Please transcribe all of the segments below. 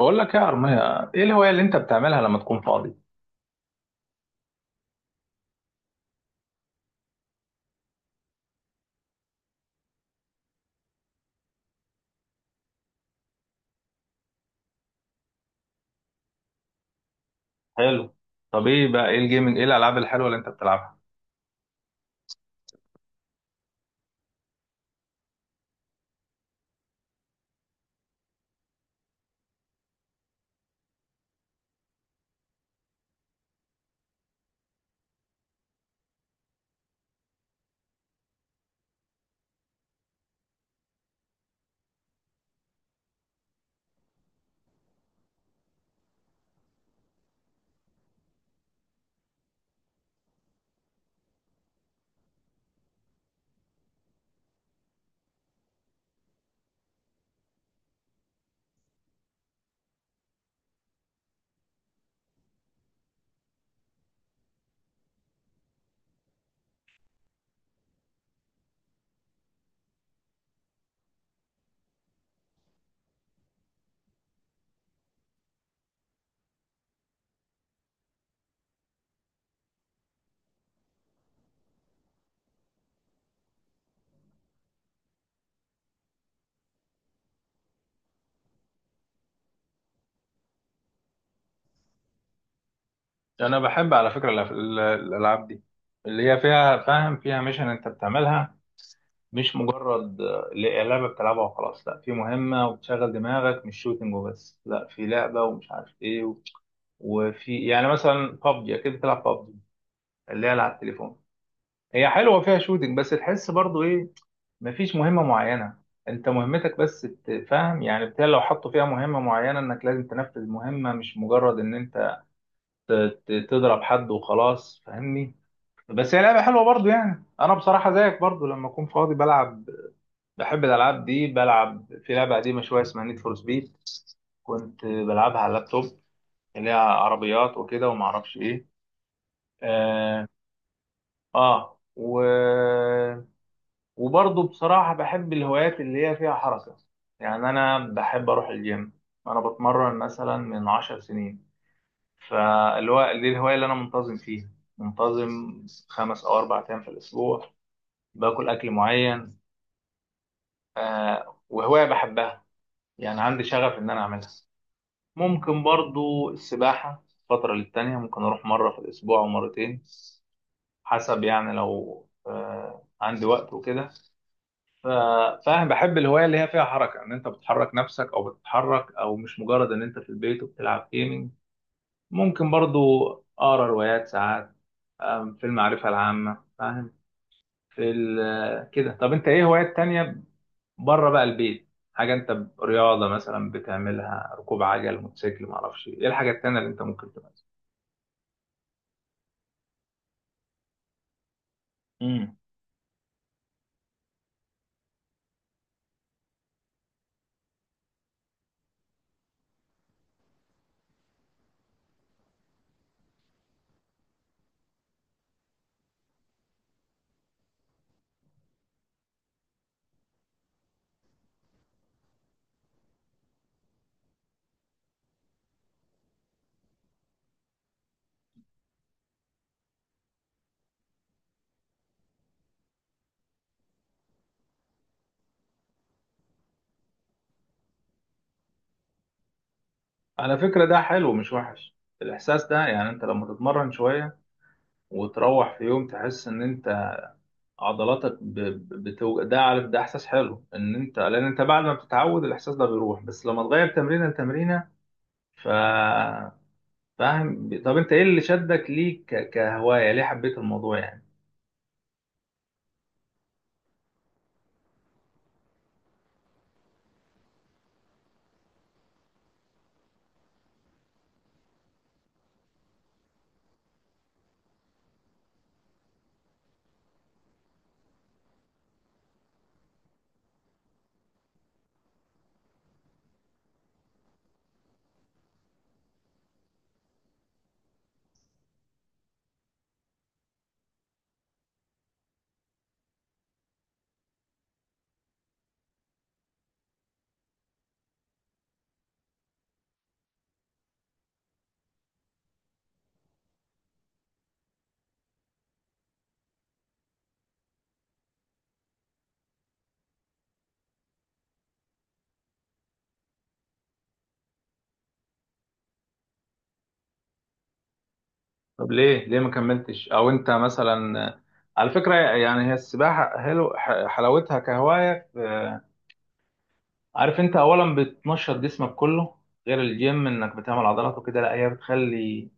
بقول لك إيه يا أرمية، إيه الهواية اللي أنت بتعملها لما تكون فاضي؟ حلو. طب إيه بقى، إيه الجيمنج، إيه الألعاب الحلوة اللي أنت بتلعبها؟ أنا بحب على فكرة الألعاب دي اللي هي فيها، فاهم، فيها ميشن أنت بتعملها. مش مجرد لعبة بتلعبها وخلاص، لا، في مهمة وبتشغل دماغك، مش شوتنج وبس، لا، في لعبة ومش عارف إيه وفي يعني مثلا بابجي، أكيد بتلعب بابجي اللي هي على التليفون. هي حلوة فيها شوتنج بس تحس برضو إيه، مفيش مهمة معينة، انت مهمتك بس تفهم، يعني بتاع، لو حطوا فيها مهمة معينة انك لازم تنفذ مهمة، مش مجرد ان انت تضرب حد وخلاص، فاهمني. بس هي لعبة حلوة برضو، يعني انا بصراحة زيك برضو لما اكون فاضي بلعب. بحب الالعاب دي، بلعب في لعبة قديمة شوية اسمها نيد فور سبيد، كنت بلعبها على اللابتوب، اللي هي عربيات وكده، وما اعرفش ايه. اه، آه. و وبرضه بصراحة بحب الهوايات اللي هي فيها حركة. يعني أنا بحب أروح الجيم. أنا بتمرن مثلا من عشر سنين، فاللي هو دي الهواية اللي أنا منتظم فيها، منتظم خمس أو أربع أيام في الأسبوع، باكل أكل معين. وهواية بحبها، يعني عندي شغف إن أنا أعملها. ممكن برضه السباحة فترة للتانية، ممكن أروح مرة في الأسبوع أو مرتين، حسب، يعني لو عندي وقت وكده. ف- فاهم، بحب الهوايه اللي هي فيها حركه، ان انت بتحرك نفسك او بتتحرك، او مش مجرد ان انت في البيت وبتلعب جيمنج. ممكن برضو اقرا روايات ساعات، في المعرفه العامه، فاهم. في ال- آه، كده، طب انت ايه هوايات تانية بره بقى البيت؟ حاجه انت رياضه مثلا بتعملها، ركوب عجل، موتوسيكل، ما اعرفش ايه الحاجه التانية اللي انت ممكن تبقى. امم. على فكرة ده حلو، مش وحش، الإحساس ده، يعني أنت لما تتمرن شوية وتروح في يوم تحس إن أنت عضلاتك ده، عارف، ده احساس حلو، ان انت، لان انت بعد ما بتتعود الاحساس ده بيروح، بس لما تغير تمرينه لتمرينه. ف فاهم، طب انت ايه اللي شدك ليه كهوايه؟ ليه حبيت الموضوع يعني؟ طب ليه ما كملتش، او انت مثلا، على فكره، يعني هي السباحه حلو حلاوتها كهوايه، عارف، انت اولا بتنشط جسمك كله، غير الجيم انك بتعمل عضلات وكده، لا هي بتخلي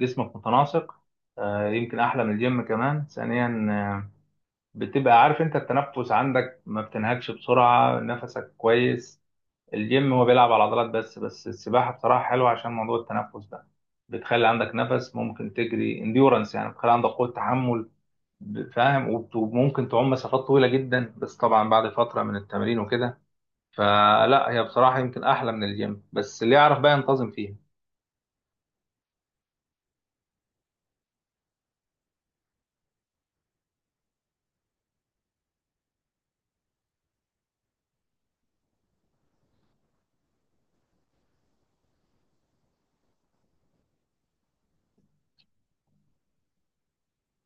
جسمك متناسق، يمكن احلى من الجيم كمان. ثانيا، بتبقى عارف، انت التنفس عندك ما بتنهكش بسرعة، نفسك كويس. الجيم هو بيلعب على العضلات بس، السباحة بصراحة حلوة عشان موضوع التنفس ده، بتخلي عندك نفس ممكن تجري انديورنس، يعني بتخلي عندك قوة تحمل. فاهم، وممكن تعوم مسافات طويلة جدا، بس طبعا بعد فترة من التمرين وكده. فلا هي بصراحة يمكن أحلى من الجيم، بس اللي يعرف بقى ينتظم فيها.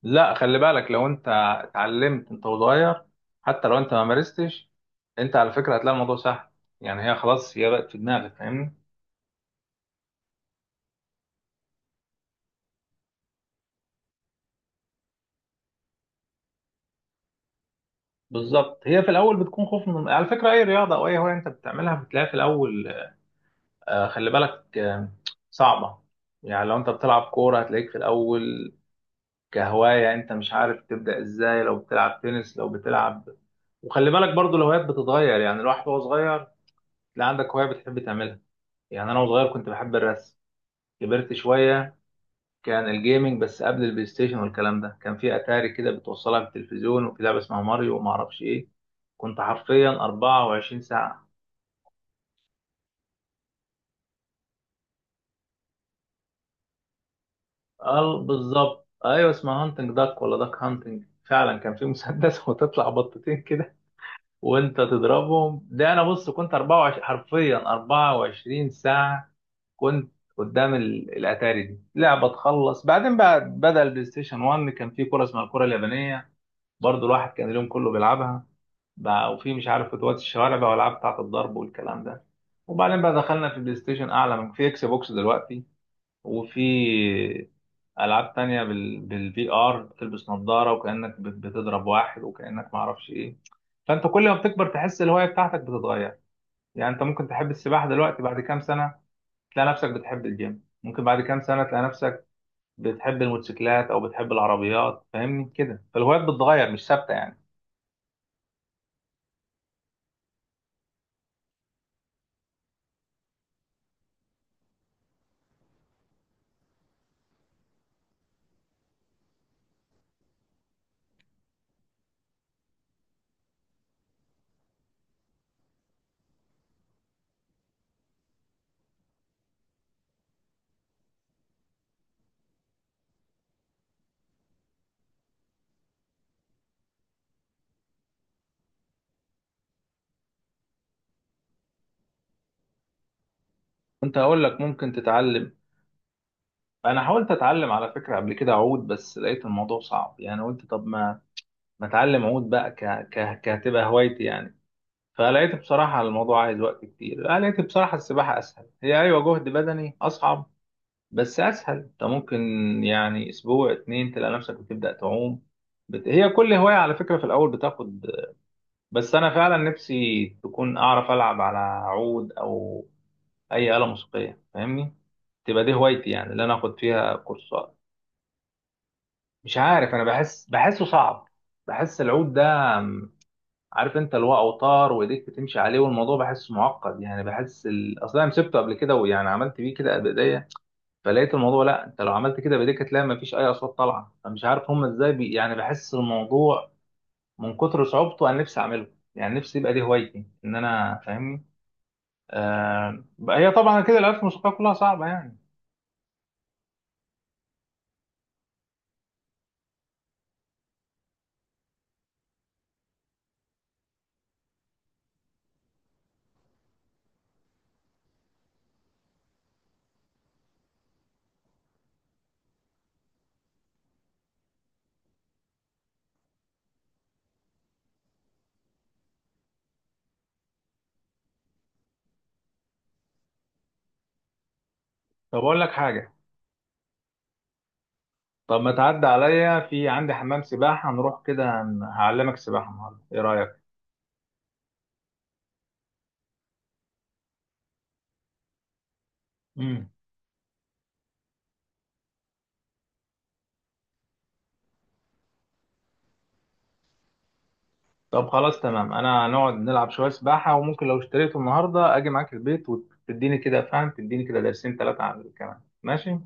لا، خلي بالك، لو انت اتعلمت انت وصغير، حتى لو انت ما مارستش، انت على فكره هتلاقي الموضوع سهل، يعني هي خلاص، هي بقت في دماغك، فاهمني. بالظبط، هي في الاول بتكون خوف، من على فكره اي رياضه او اي هوايه انت بتعملها بتلاقي في الاول خلي بالك، صعبه. يعني لو انت بتلعب كوره هتلاقيك في الاول كهوايه انت مش عارف تبدا ازاي، لو بتلعب تنس، لو بتلعب. وخلي بالك برضو، الهوايات بتتغير، يعني الواحد وهو صغير تلاقي عندك هوايه بتحب تعملها. يعني انا وصغير كنت بحب الرسم، كبرت شوية كان الجيمنج بس، قبل البلاي ستيشن والكلام ده كان في أتاري كده بتوصلها بالتلفزيون، وفي لعبة اسمها ماريو وما أعرفش إيه، كنت حرفيا 24 ساعة. اه بالظبط، أيوة اسمها هانتنج داك، ولا داك هانتنج، فعلا كان في مسدس وتطلع بطتين كده وأنت تضربهم. ده أنا بص كنت 24 حرفيا 24 ساعة، كنت قدام الأتاري، دي لعبة تخلص، بعدين بقى بدأ البلاي ستيشن 1، كان في كرة اسمها الكرة اليابانية، برضه الواحد كان اليوم كله بيلعبها. بقى وفي مش عارف فوتوات الشوارع بقى، والعاب بتاعت الضرب والكلام ده، وبعدين بقى دخلنا في بلاي ستيشن اعلى، من في اكس بوكس دلوقتي، وفي العاب تانية بالفي ار، بتلبس نظارة وكأنك بتضرب واحد، وكأنك معرفش ايه. فانت كل ما بتكبر تحس الهواية بتاعتك بتتغير، يعني انت ممكن تحب السباحة دلوقتي، بعد كام سنة تلاقي نفسك بتحب الجيم، ممكن بعد كام سنة تلاقي نفسك بتحب الموتوسيكلات او بتحب العربيات، فاهمني كده، فالهوايات بتتغير مش ثابتة يعني. كنت هقول لك ممكن تتعلم. انا حاولت اتعلم على فكره قبل كده عود، بس لقيت الموضوع صعب، يعني قلت طب ما اتعلم عود بقى كهتبقى هوايتي يعني. فلقيت بصراحه الموضوع عايز وقت كتير، أنا لقيت بصراحه السباحه اسهل، هي ايوه جهد بدني اصعب، بس اسهل، انت ممكن يعني اسبوع اتنين تلاقي نفسك بتبدا تعوم. هي كل هوايه على فكره في الاول بتاخد. بس انا فعلا نفسي تكون اعرف العب على عود، او اي آلة موسيقية، فاهمني، تبقى دي هوايتي، يعني اللي انا اخد فيها كورسات. مش عارف، انا بحس بحسه صعب. بحس العود ده، م، عارف، انت اللي هو اوتار وايديك بتمشي عليه، والموضوع بحسه معقد، يعني بحس اصلا انا مسكته قبل كده، ويعني عملت بيه كده بايديا، فلقيت الموضوع، لا، انت لو عملت كده بايديك هتلاقي مفيش اي اصوات طالعه، فمش عارف هم ازاي يعني بحس الموضوع من كتر صعوبته، انا نفسي اعمله، يعني نفسي يبقى دي هوايتي ان انا، فاهمني. بقى هي طبعا كده الالات الموسيقيه كلها صعبه يعني. طب اقول لك حاجه، طب ما تعدي عليا، في عندي حمام سباحة، نروح كده هعلمك سباحة النهاردة، إيه رأيك؟ امم. طب خلاص تمام، أنا هنقعد نلعب شوية سباحة، وممكن لو اشتريته النهاردة أجي معاك البيت وتديني كده، فاهم، تديني كده درسين تلاتة عن الكلام، ماشي؟